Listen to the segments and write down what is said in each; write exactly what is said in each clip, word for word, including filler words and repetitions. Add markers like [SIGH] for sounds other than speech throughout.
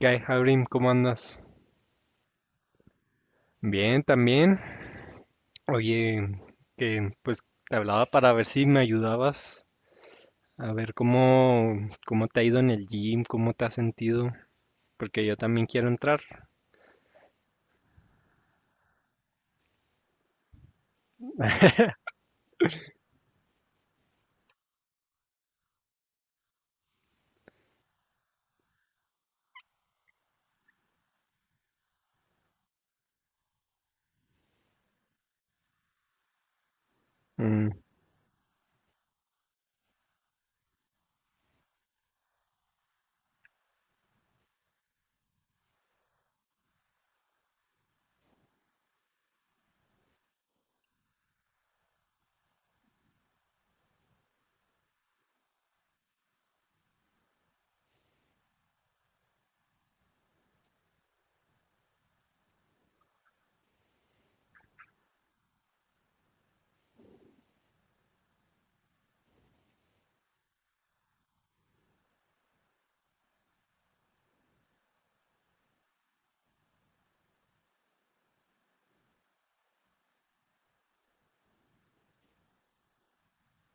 ¿Qué hay, Abrim? ¿Cómo andas? Bien, también. Oye, que pues te hablaba para ver si me ayudabas a ver cómo, cómo te ha ido en el gym, cómo te has sentido, porque yo también quiero entrar. Mm,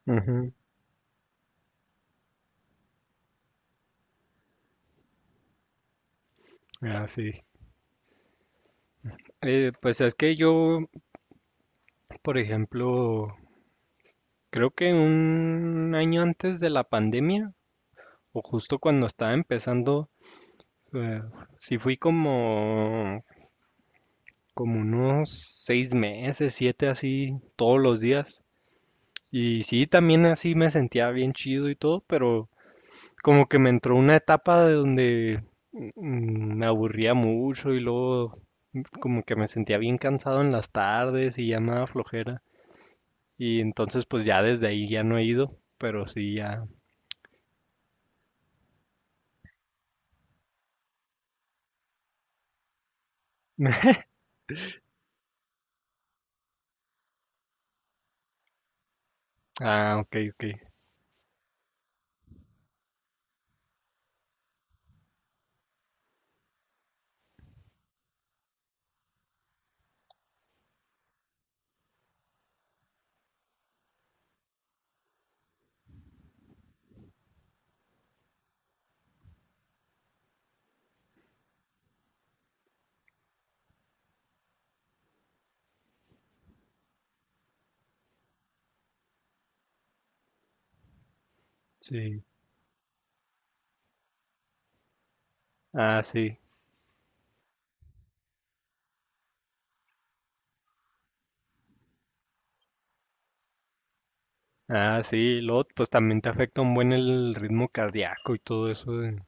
ujú. Ah, sí. Eh, pues es que yo, por ejemplo, creo que un año antes de la pandemia, o justo cuando estaba empezando, eh, sí fui como Como unos seis meses, siete así, todos los días. Y sí, también así me sentía bien chido y todo, pero como que me entró una etapa de donde mm, me aburría mucho y luego como que me sentía bien cansado en las tardes y ya me daba flojera. Y entonces pues ya desde ahí ya no he ido, pero sí ya. Ah, ok, ok. Sí. Ah, sí. Ah, sí. Luego pues también te afecta un buen el ritmo cardíaco y todo eso de-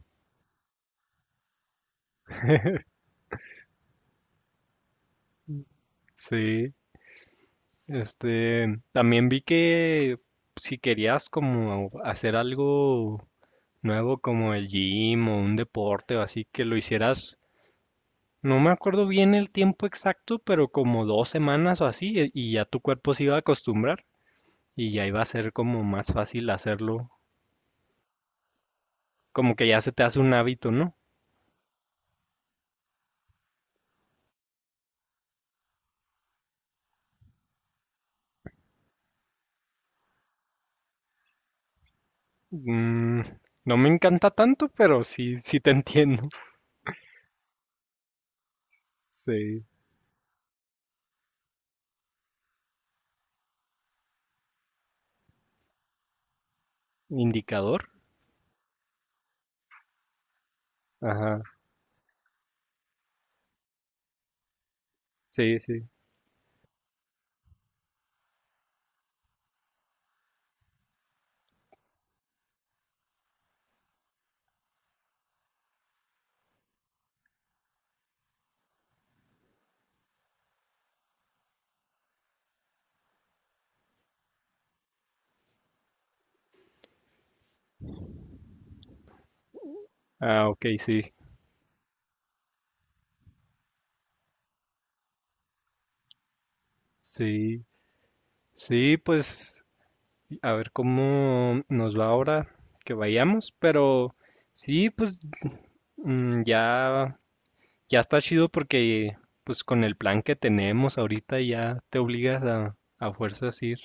Sí. Este, también vi que si querías como hacer algo nuevo como el gym o un deporte o así, que lo hicieras, no me acuerdo bien el tiempo exacto, pero como dos semanas o así, e- y ya tu cuerpo se iba a acostumbrar y ya iba a ser como más fácil hacerlo, como que ya se te hace un hábito, ¿no? Mm, no me encanta tanto, pero sí, sí te [LAUGHS] entiendo. Sí. Indicador. Ajá. Sí, sí. Ah, ok, sí. Sí. Sí, pues a ver cómo nos va ahora que vayamos, pero sí, pues mm, ya, ya está chido porque pues con el plan que tenemos ahorita ya te obligas a, a fuerzas ir.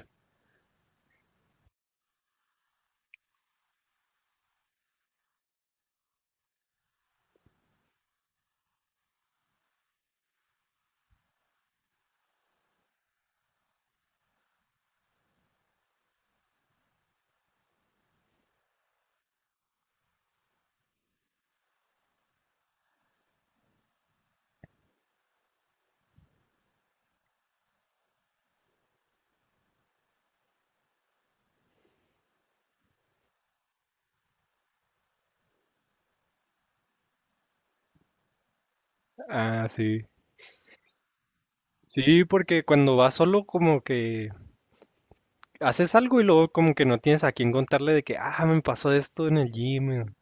Ah, sí. Sí, porque cuando vas solo como que haces algo y luego como que no tienes a quién contarle de que, ah, me pasó esto en el gym.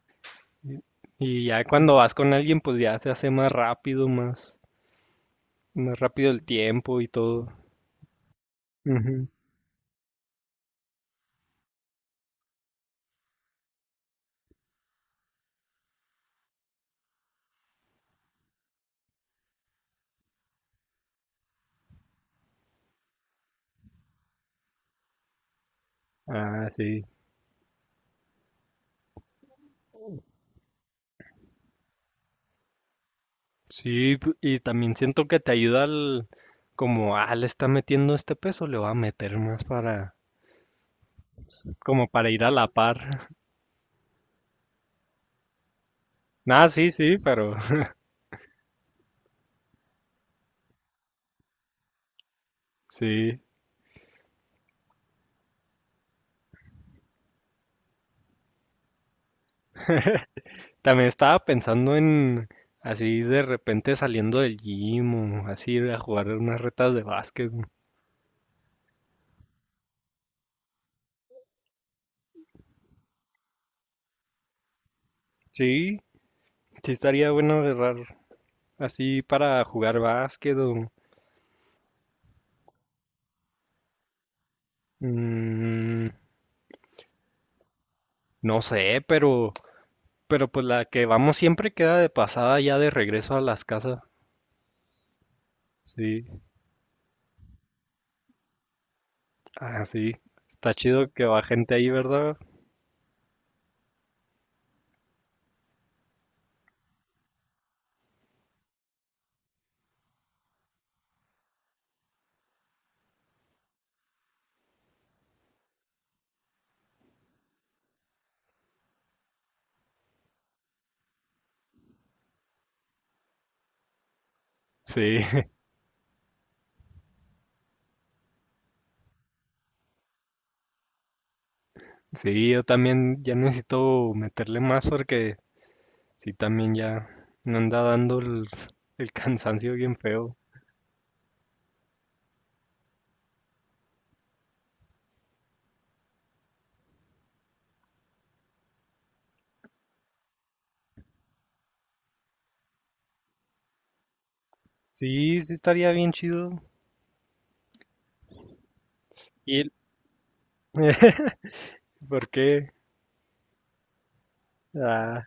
Y y ya cuando vas con alguien pues ya se hace más rápido, más, más rápido el tiempo y todo. Ah, sí. Sí, p- y también siento que te ayuda al, como, ah, le está metiendo este peso, le va a meter más para, como para ir a la par. [LAUGHS] Ah, sí, sí, pero [LAUGHS] sí. También estaba pensando en, así de repente saliendo del gym o así ir a jugar unas retas de básquet. Sí, sí estaría bueno agarrar así para jugar básquet o, mm, no sé, pero... Pero pues la que vamos siempre queda de pasada ya de regreso a las casas. Sí, ah, sí. Está chido que va gente ahí, ¿verdad? Sí, [LAUGHS] sí, yo también ya necesito meterle más porque sí, también ya me anda dando el, el cansancio bien feo. Sí, sí estaría bien chido. Y [LAUGHS] ¿por qué? Ah,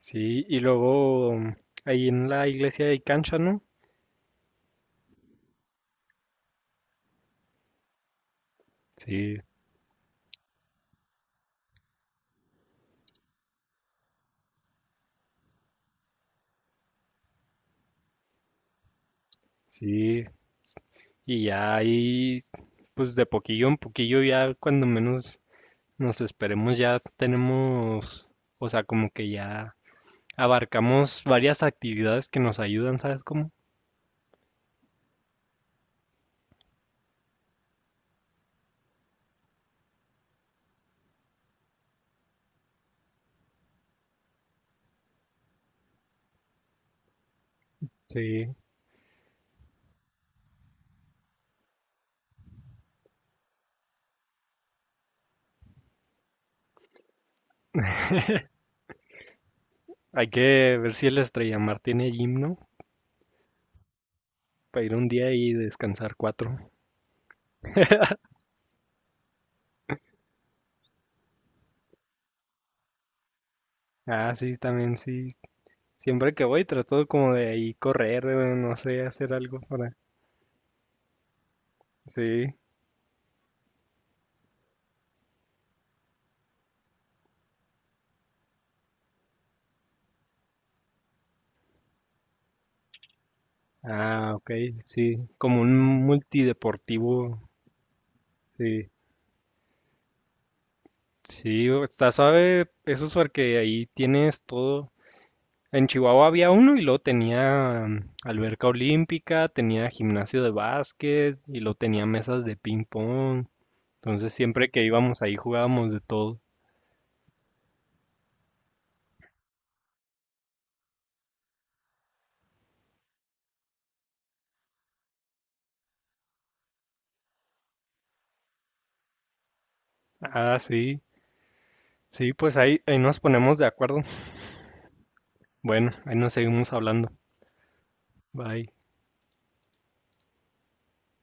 sí, y luego ahí en la iglesia hay cancha, ¿no? Sí, sí. Y ya ahí pues de poquillo en poquillo ya cuando menos nos esperemos ya tenemos, o sea, como que ya abarcamos varias actividades que nos ayudan, ¿sabes cómo? Sí, hay que ver si el Estrella Mar tiene gimno para ir un día y descansar cuatro. Ah, sí, también sí. Siempre que voy trato como de ahí correr, eh, no sé, hacer algo para... Sí. Ah, ok, sí. Como un multideportivo, sí. Sí, o- está suave eso es porque ahí tienes todo. En Chihuahua había uno y luego tenía mm, alberca olímpica, tenía gimnasio de básquet y luego tenía mesas de ping pong. Entonces siempre que íbamos ahí jugábamos de todo. Ah, sí. Sí, pues ahí, ahí nos ponemos de acuerdo. Bueno, ahí nos seguimos hablando. Bye.